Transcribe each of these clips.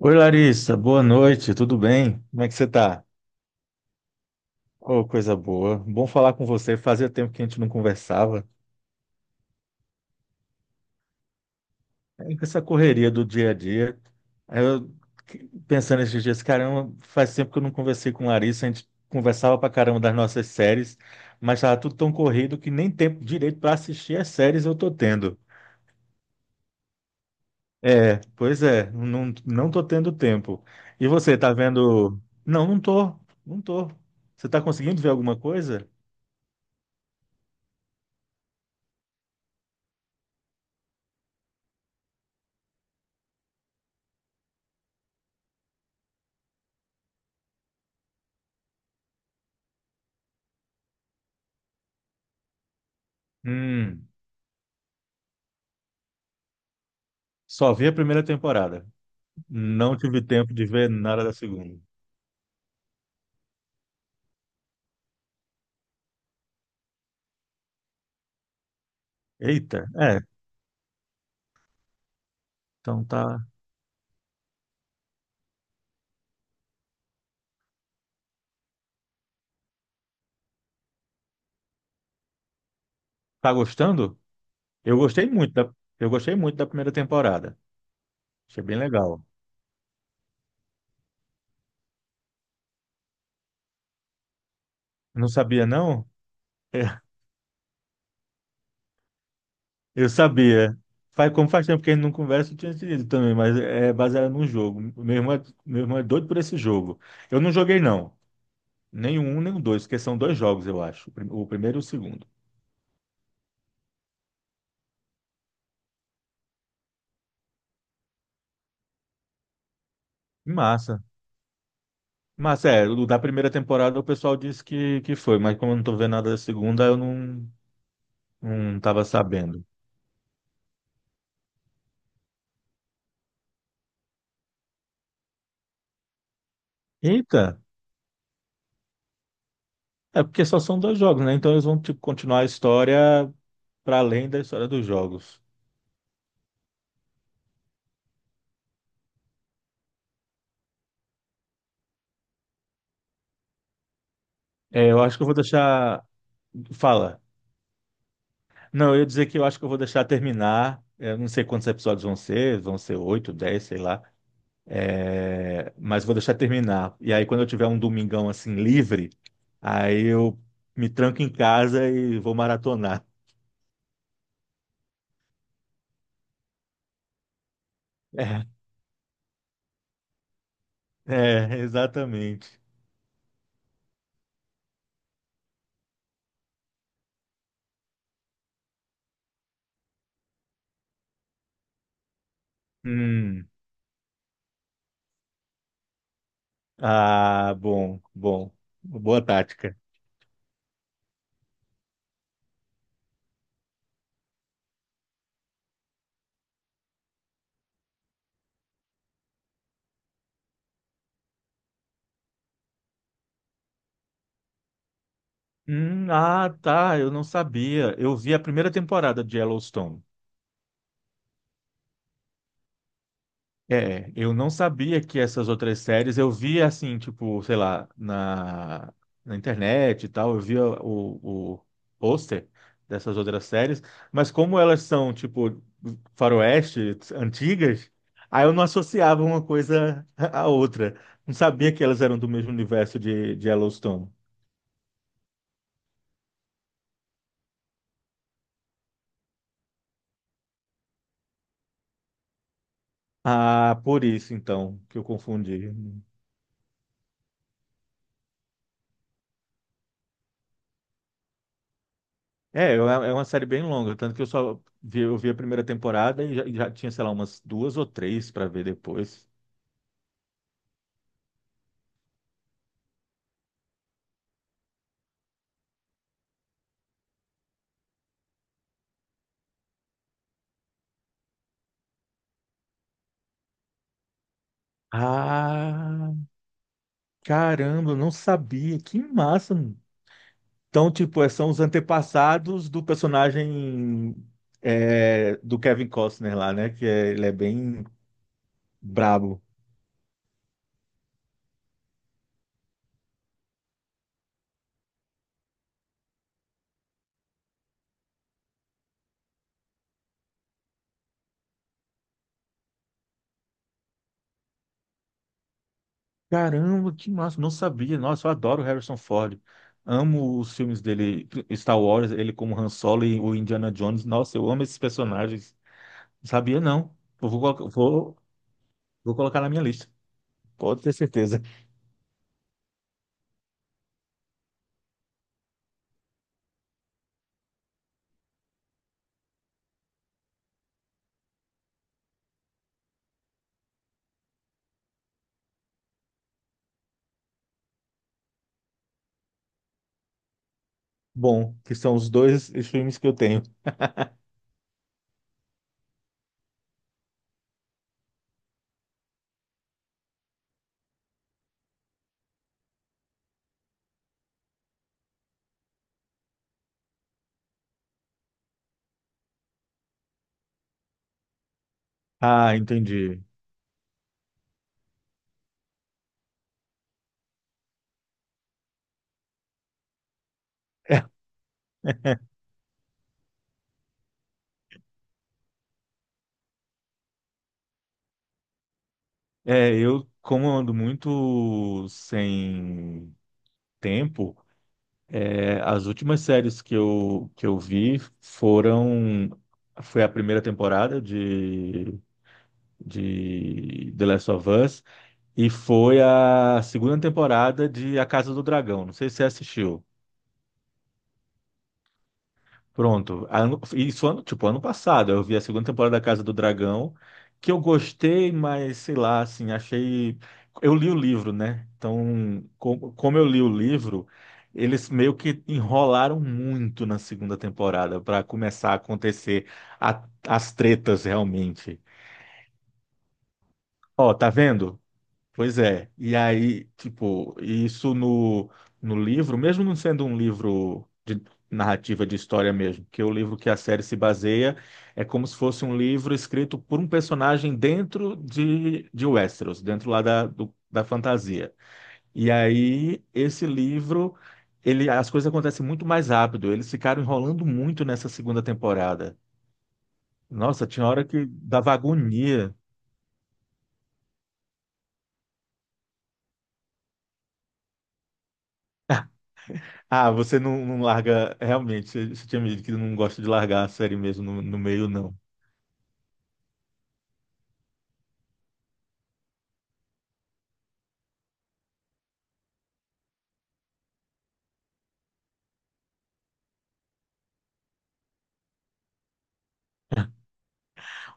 Oi, Larissa, boa noite, tudo bem? Como é que você tá? Oh, coisa boa. Bom falar com você. Fazia tempo que a gente não conversava. É, com essa correria do dia a dia. Aí Eu que- Pensando esses dias, caramba, faz tempo que eu não conversei com Larissa. A gente conversava pra caramba das nossas séries, mas tava tudo tão corrido que nem tempo direito para assistir as séries eu tô tendo. É, pois é, não tô tendo tempo. E você, tá vendo? Não, não tô. Você tá conseguindo ver alguma coisa? Hum. Só vi a primeira temporada. Não tive tempo de ver nada da segunda. Eita, é. Então tá. Tá gostando? Eu gostei muito da, eu gostei muito da primeira temporada. Achei bem legal. Não sabia, não? Eu sabia. Faz, como faz tempo que a gente não conversa, eu tinha te também, mas é baseado num jogo. Meu irmão é doido por esse jogo. Eu não joguei, não. Nem o um, nem o dois, porque são dois jogos, eu acho. O primeiro e o segundo. Massa. Mas é, o da primeira temporada o pessoal disse que foi, mas como eu não tô vendo nada da segunda, eu não, não tava sabendo. Eita, é porque só são dois jogos, né? Então eles vão tipo, continuar a história para além da história dos jogos. É, eu acho que eu vou deixar. Fala. Não, eu ia dizer que eu acho que eu vou deixar terminar. É, eu não sei quantos episódios vão ser oito, 10, sei lá. É, mas vou deixar terminar. E aí, quando eu tiver um domingão assim livre, aí eu me tranco em casa e vou maratonar. É, exatamente. Hum. Ah, bom, bom. Boa tática. Ah, tá. Eu não sabia. Eu vi a primeira temporada de Yellowstone. É, eu não sabia que essas outras séries, eu via assim, tipo, sei lá, na internet e tal, eu via o pôster dessas outras séries, mas como elas são, tipo, faroeste, antigas, aí eu não associava uma coisa à outra. Não sabia que elas eram do mesmo universo de Yellowstone. Ah, por isso, então, que eu confundi. É, é uma série bem longa, tanto que eu só vi, eu vi a primeira temporada e já tinha, sei lá, umas duas ou três para ver depois. Ah, caramba, eu não sabia. Que massa, mano. Então, tipo, são os antepassados do personagem é, do Kevin Costner lá, né? Ele é bem brabo. Caramba, que massa. Não sabia. Nossa, eu adoro o Harrison Ford. Amo os filmes dele, Star Wars, ele como Han Solo e o Indiana Jones. Nossa, eu amo esses personagens. Sabia não. Eu vou, colocar- vou, vou colocar na minha lista. Pode ter certeza. Bom, que são os dois streams que eu tenho. Ah, entendi. É, eu, como eu ando muito sem tempo, é, as últimas séries que eu vi foram. Foi a primeira temporada de The Last of Us e foi a segunda temporada de A Casa do Dragão. Não sei se você assistiu. Pronto. Isso ano, tipo, ano passado, eu vi a segunda temporada da Casa do Dragão, que eu gostei, mas sei lá, assim, achei. Eu li o livro, né? Então, como eu li o livro, eles meio que enrolaram muito na segunda temporada para começar a acontecer as tretas realmente. Ó, tá vendo? Pois é, e aí, tipo, isso no livro, mesmo não sendo um livro de narrativa de história mesmo, que é o livro que a série se baseia, é como se fosse um livro escrito por um personagem dentro de Westeros, dentro lá da fantasia. E aí, esse livro, ele, as coisas acontecem muito mais rápido, eles ficaram enrolando muito nessa segunda temporada. Nossa, tinha hora que dava agonia. Ah, você não, não larga. Realmente, você, você tinha me dito que não gosta de largar a série mesmo no meio, não.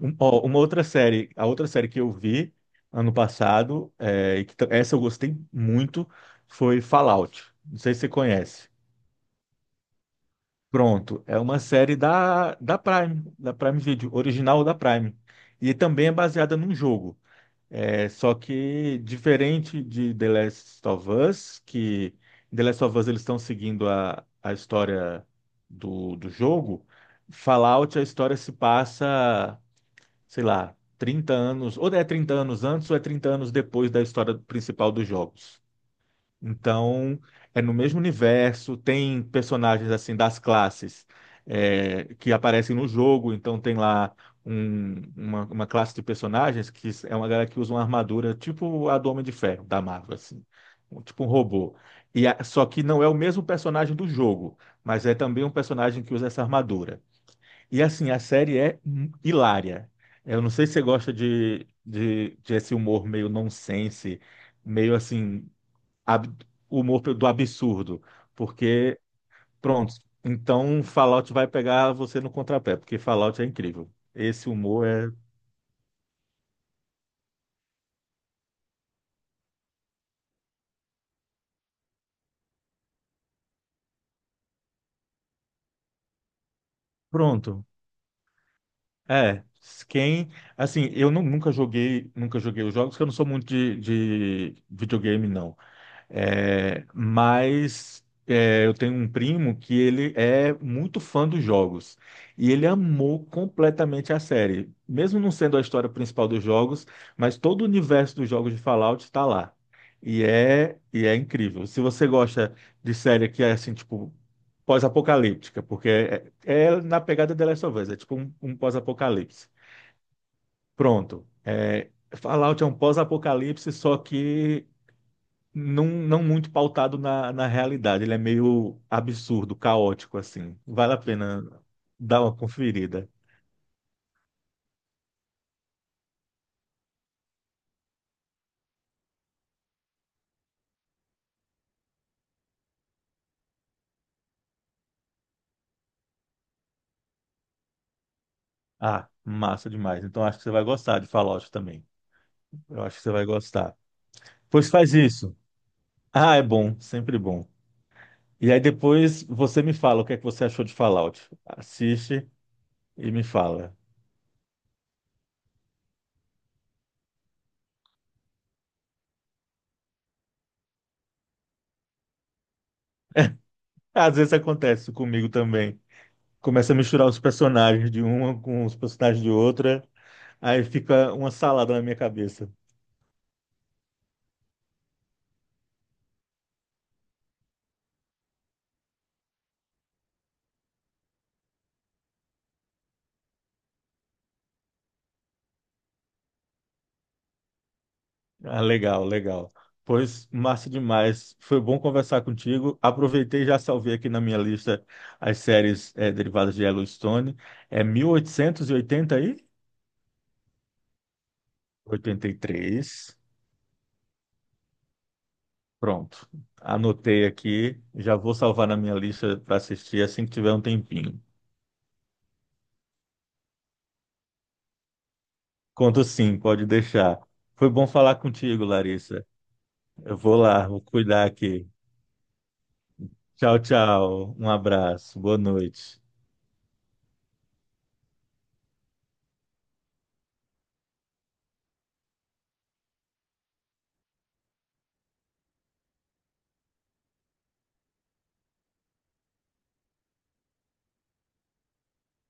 Um- ó, uma outra série, A outra série que eu vi ano passado, é, essa eu gostei muito, foi Fallout. Não sei se você conhece. Pronto, é uma série da Prime Video, original da Prime. E também é baseada num jogo. É, só que diferente de The Last of Us, que em The Last of Us eles estão seguindo a história do jogo, Fallout a história se passa, sei lá, 30 anos, ou é 30 anos antes ou é 30 anos depois da história principal dos jogos. Então, é no mesmo universo, tem personagens assim das classes é, que aparecem no jogo, então tem lá uma classe de personagens que é uma galera que usa uma armadura tipo a do Homem de Ferro, da Marvel, assim, tipo um robô. Só que não é o mesmo personagem do jogo, mas é também um personagem que usa essa armadura. E assim, a série é hilária. Eu não sei se você gosta de esse humor meio nonsense, meio assim ab- humor do absurdo, porque, pronto, então Fallout vai pegar você no contrapé, porque Fallout é incrível. Esse humor é, pronto, é, quem, assim, nunca joguei, nunca joguei os jogos, porque eu não sou muito de videogame, não. É, mas é, eu tenho um primo que ele é muito fã dos jogos e ele amou completamente a série, mesmo não sendo a história principal dos jogos, mas todo o universo dos jogos de Fallout está lá. E é incrível. Se você gosta de série que é assim, tipo, pós-apocalíptica, porque é, é na pegada The Last of Us, é tipo um pós-apocalipse. Pronto. É, Fallout é um pós-apocalipse, só que não muito pautado na realidade. Ele é meio absurdo, caótico, assim. Vale a pena dar uma conferida. Ah, massa demais. Então acho que você vai gostar de Fallout também. Eu acho que você vai gostar. Pois faz isso. Ah, é bom, sempre bom. E aí depois você me fala o que é que você achou de Fallout. Assiste e me fala. Às vezes acontece comigo também. Começa a misturar os personagens de uma com os personagens de outra, aí fica uma salada na minha cabeça. Ah, legal, legal. Pois, massa demais. Foi bom conversar contigo. Aproveitei e já salvei aqui na minha lista as séries eh, derivadas de Yellowstone. É mil oitocentos e oitenta aí, 83. Pronto. Anotei aqui. Já vou salvar na minha lista para assistir assim que tiver um tempinho. Conto sim, pode deixar. Foi bom falar contigo, Larissa. Eu vou lá, vou cuidar aqui. Tchau, tchau. Um abraço. Boa noite.